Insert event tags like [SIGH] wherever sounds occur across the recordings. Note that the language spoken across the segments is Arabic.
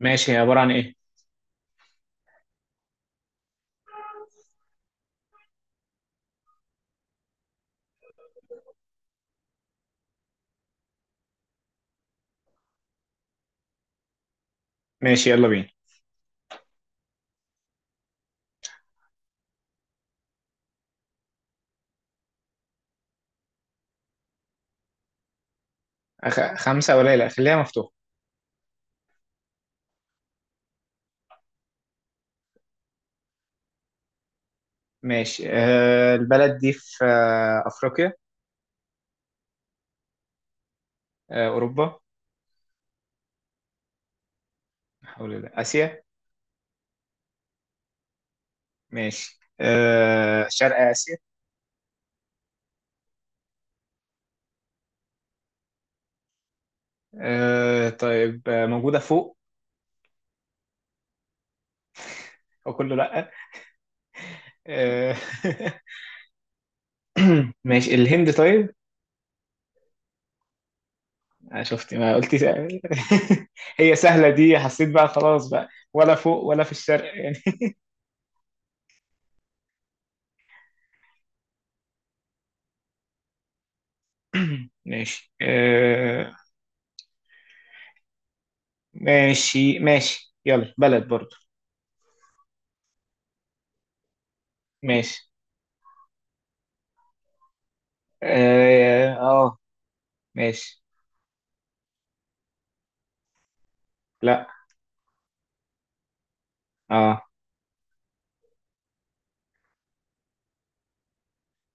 ماشي، هي عبارة عن إيه؟ ماشي يلا بينا. خمسة قليلة، خليها مفتوحة. ماشي، البلد دي في أفريقيا؟ أوروبا؟ حول الله. آسيا؟ ماشي، شرق آسيا؟ طيب، موجودة فوق؟ أو كله لأ. آه. [LAUGHS] ماشي، الهند طيب. آه، شفت ما قلتي سهل. [LAUGHS] هي سهلة دي، حسيت بقى خلاص بقى، ولا فوق ولا في الشرق يعني. [COUGHS] [CLEARS THROAT] ماشي ماشي ماشي، يلا بلد برضو. ماشي. اه، ماشي. لا. اه.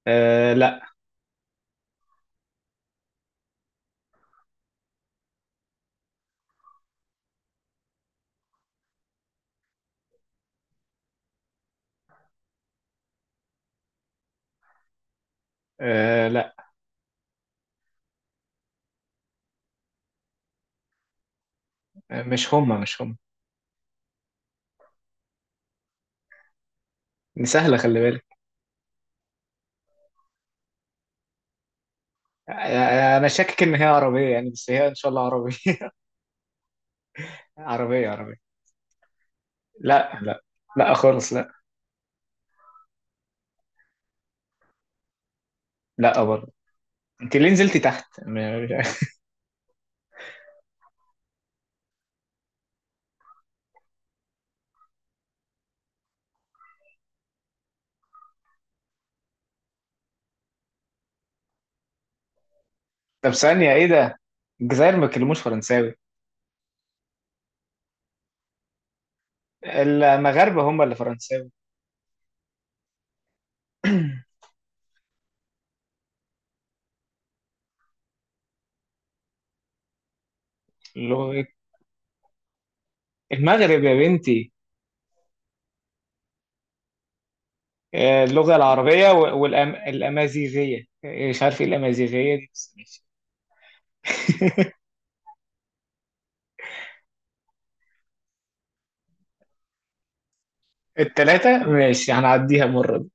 آه، لا. آه، لا. مش هما. دي سهلة، خلي بالك. انا شاكك ان هي عربية يعني، بس هي ان شاء الله عربية. [LAUGHS] عربية عربية. لا، لا، لا خالص، لا. لا برضه. انت ليه نزلتي تحت؟ [LAUGHS] مش عارف. طب ثانية، ايه ده؟ الجزائر ما بيتكلموش فرنساوي؟ المغاربة هم اللي فرنساوي. [CLEARS THROAT] لغة. المغرب يا بنتي. اللغة العربية والأمازيغية، مش عارف ايه الأمازيغية دي، بس ماشي. التلاتة؟ ماشي، هنعديها مرة دي.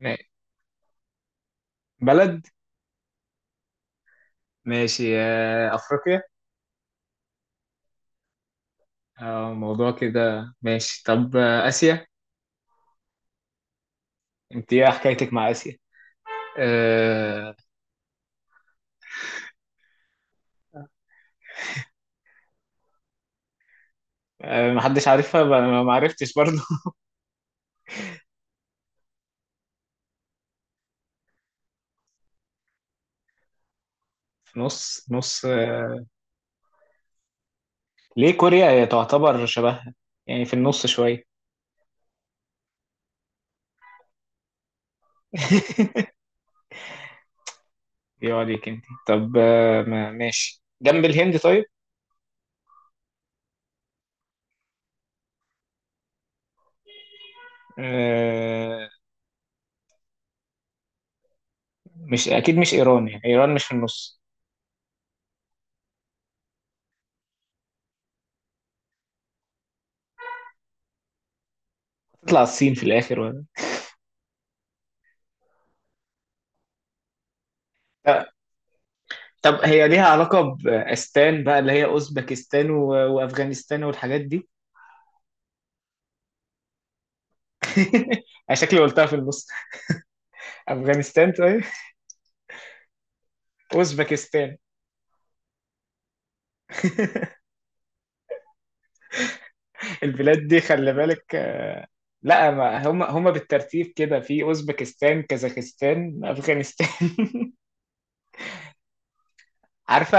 ماشي. بلد. ماشي، أفريقيا؟ موضوع كده. ماشي، طب آسيا؟ انت ايه حكايتك مع آسيا؟ أه. أه، محدش عارفها. ما عرفتش برضه. [LAUGHS] في نص نص. آه، ليه كوريا هي تعتبر شبهها؟ يعني في النص شوية. [LAUGHS] ايه عليك انت؟ طب ماشي، جنب الهند طيب. أه. مش أكيد مش إيران؟ يعني إيران مش في النص؟ تطلع الصين في الآخر ولا؟ طب هي ليها علاقة بأستان بقى، اللي هي أوزبكستان وأفغانستان والحاجات دي؟ [LAUGHS] أنا شكلي قلتها في النص. أفغانستان طيب؟ أوزبكستان؟ البلاد دي خلي بالك. آه، لا، ما هم هم بالترتيب كده: في أوزبكستان، كازاخستان، أفغانستان. [LAUGHS] عارفة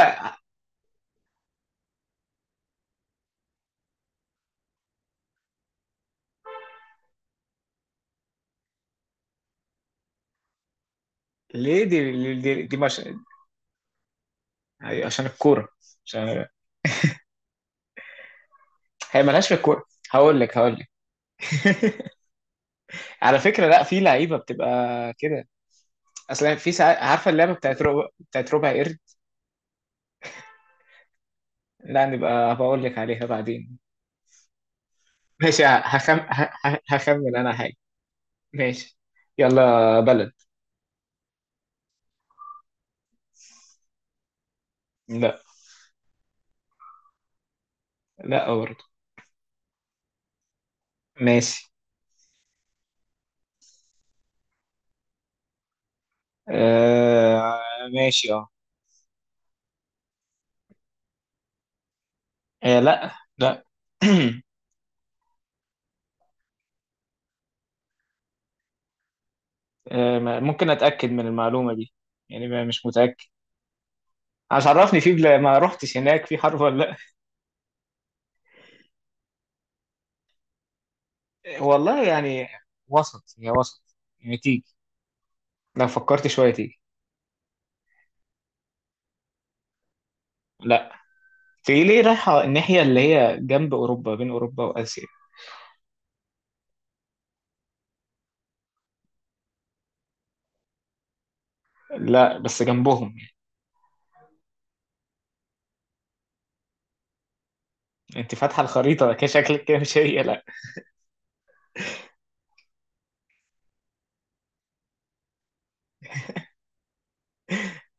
ليه دي مش... أيوة، عشان الكورة. عشان هي مالهاش في الكورة. هقول لك هقول لك. على فكرة، لا، في لعيبة بتبقى كده. اصل يعني في ساعات، عارفة اللعبة بتاعت ربع، بتاعت ربع قرد. لا، نبقى بقول لك عليها بعدين. ماشي، هخمن انا حاجة. ماشي، يلا بلد. لا. لا برضه. ماشي. آه... ماشي. اه. لا، لا. [CLEARS THROAT] ممكن اتاكد من المعلومة دي؟ يعني مش متاكد. ما رحتش هناك، في حرب ولا لا؟ [LAUGHS] آه، والله يعني. وسط، هي وسط يعني، تيجي. لو فكرت شوية تيجي. لا. في، ليه رايحة الناحية اللي هي جنب أوروبا، بين أوروبا وآسيا؟ لا بس جنبهم. انت فاتحه الخريطه كده، شكلك كده. مش هي، لا.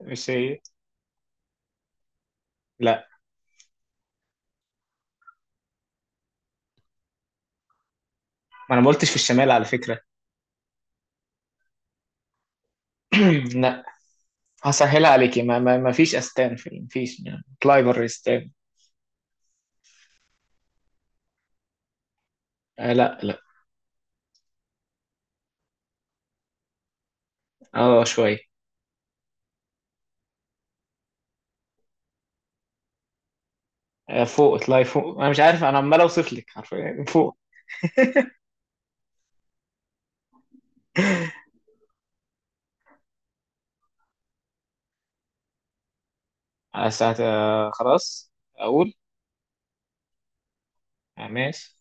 مش هي، لا. ما انا ما قلتش في الشمال على فكره. [CLEARS THROAT] لا. هسهلها عليكي: ما فيش استان في، ما فيش يعني. اطلعي بره استان. آه، لا، لا. اه شويه. آه، فوق، اطلعي فوق، انا مش عارف، انا عمال اوصف لك حرفيا فوق. على ساعه. آه خلاص، اقول. آه ماشي.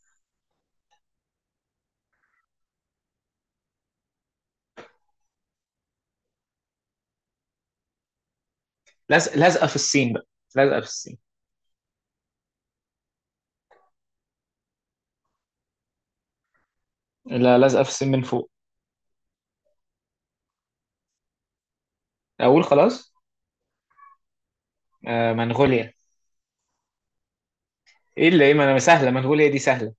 لازق، لازقه في الصين بقى. لازقه في الصين. لا، لازقه في الصين من فوق. اقول خلاص. آه منغوليا. ايه اللي ايه، ما انا سهله، منغوليا دي سهله.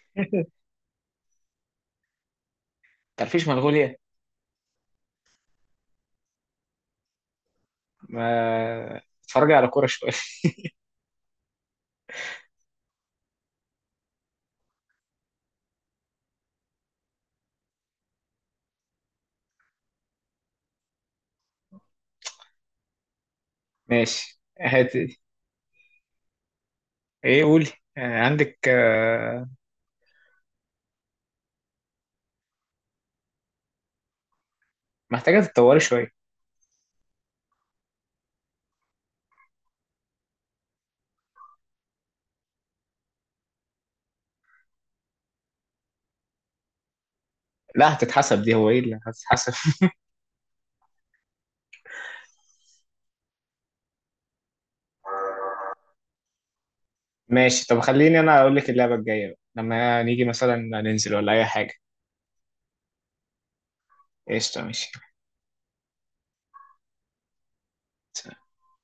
[LAUGHS] تعرفيش منغوليا؟ ما اتفرجي على كورة شوية. [LAUGHS] ماشي هاتي. ايه؟ قولي. آه، عندك، محتاجة تتطوري شوية. لا هتتحسب دي، هو ايه اللي هتتحسب؟ [LAUGHS] ماشي، طب خليني انا اقول لك اللعبة الجاية بقى، لما نيجي مثلا ننزل ولا اي حاجة. قشطة، ماشي.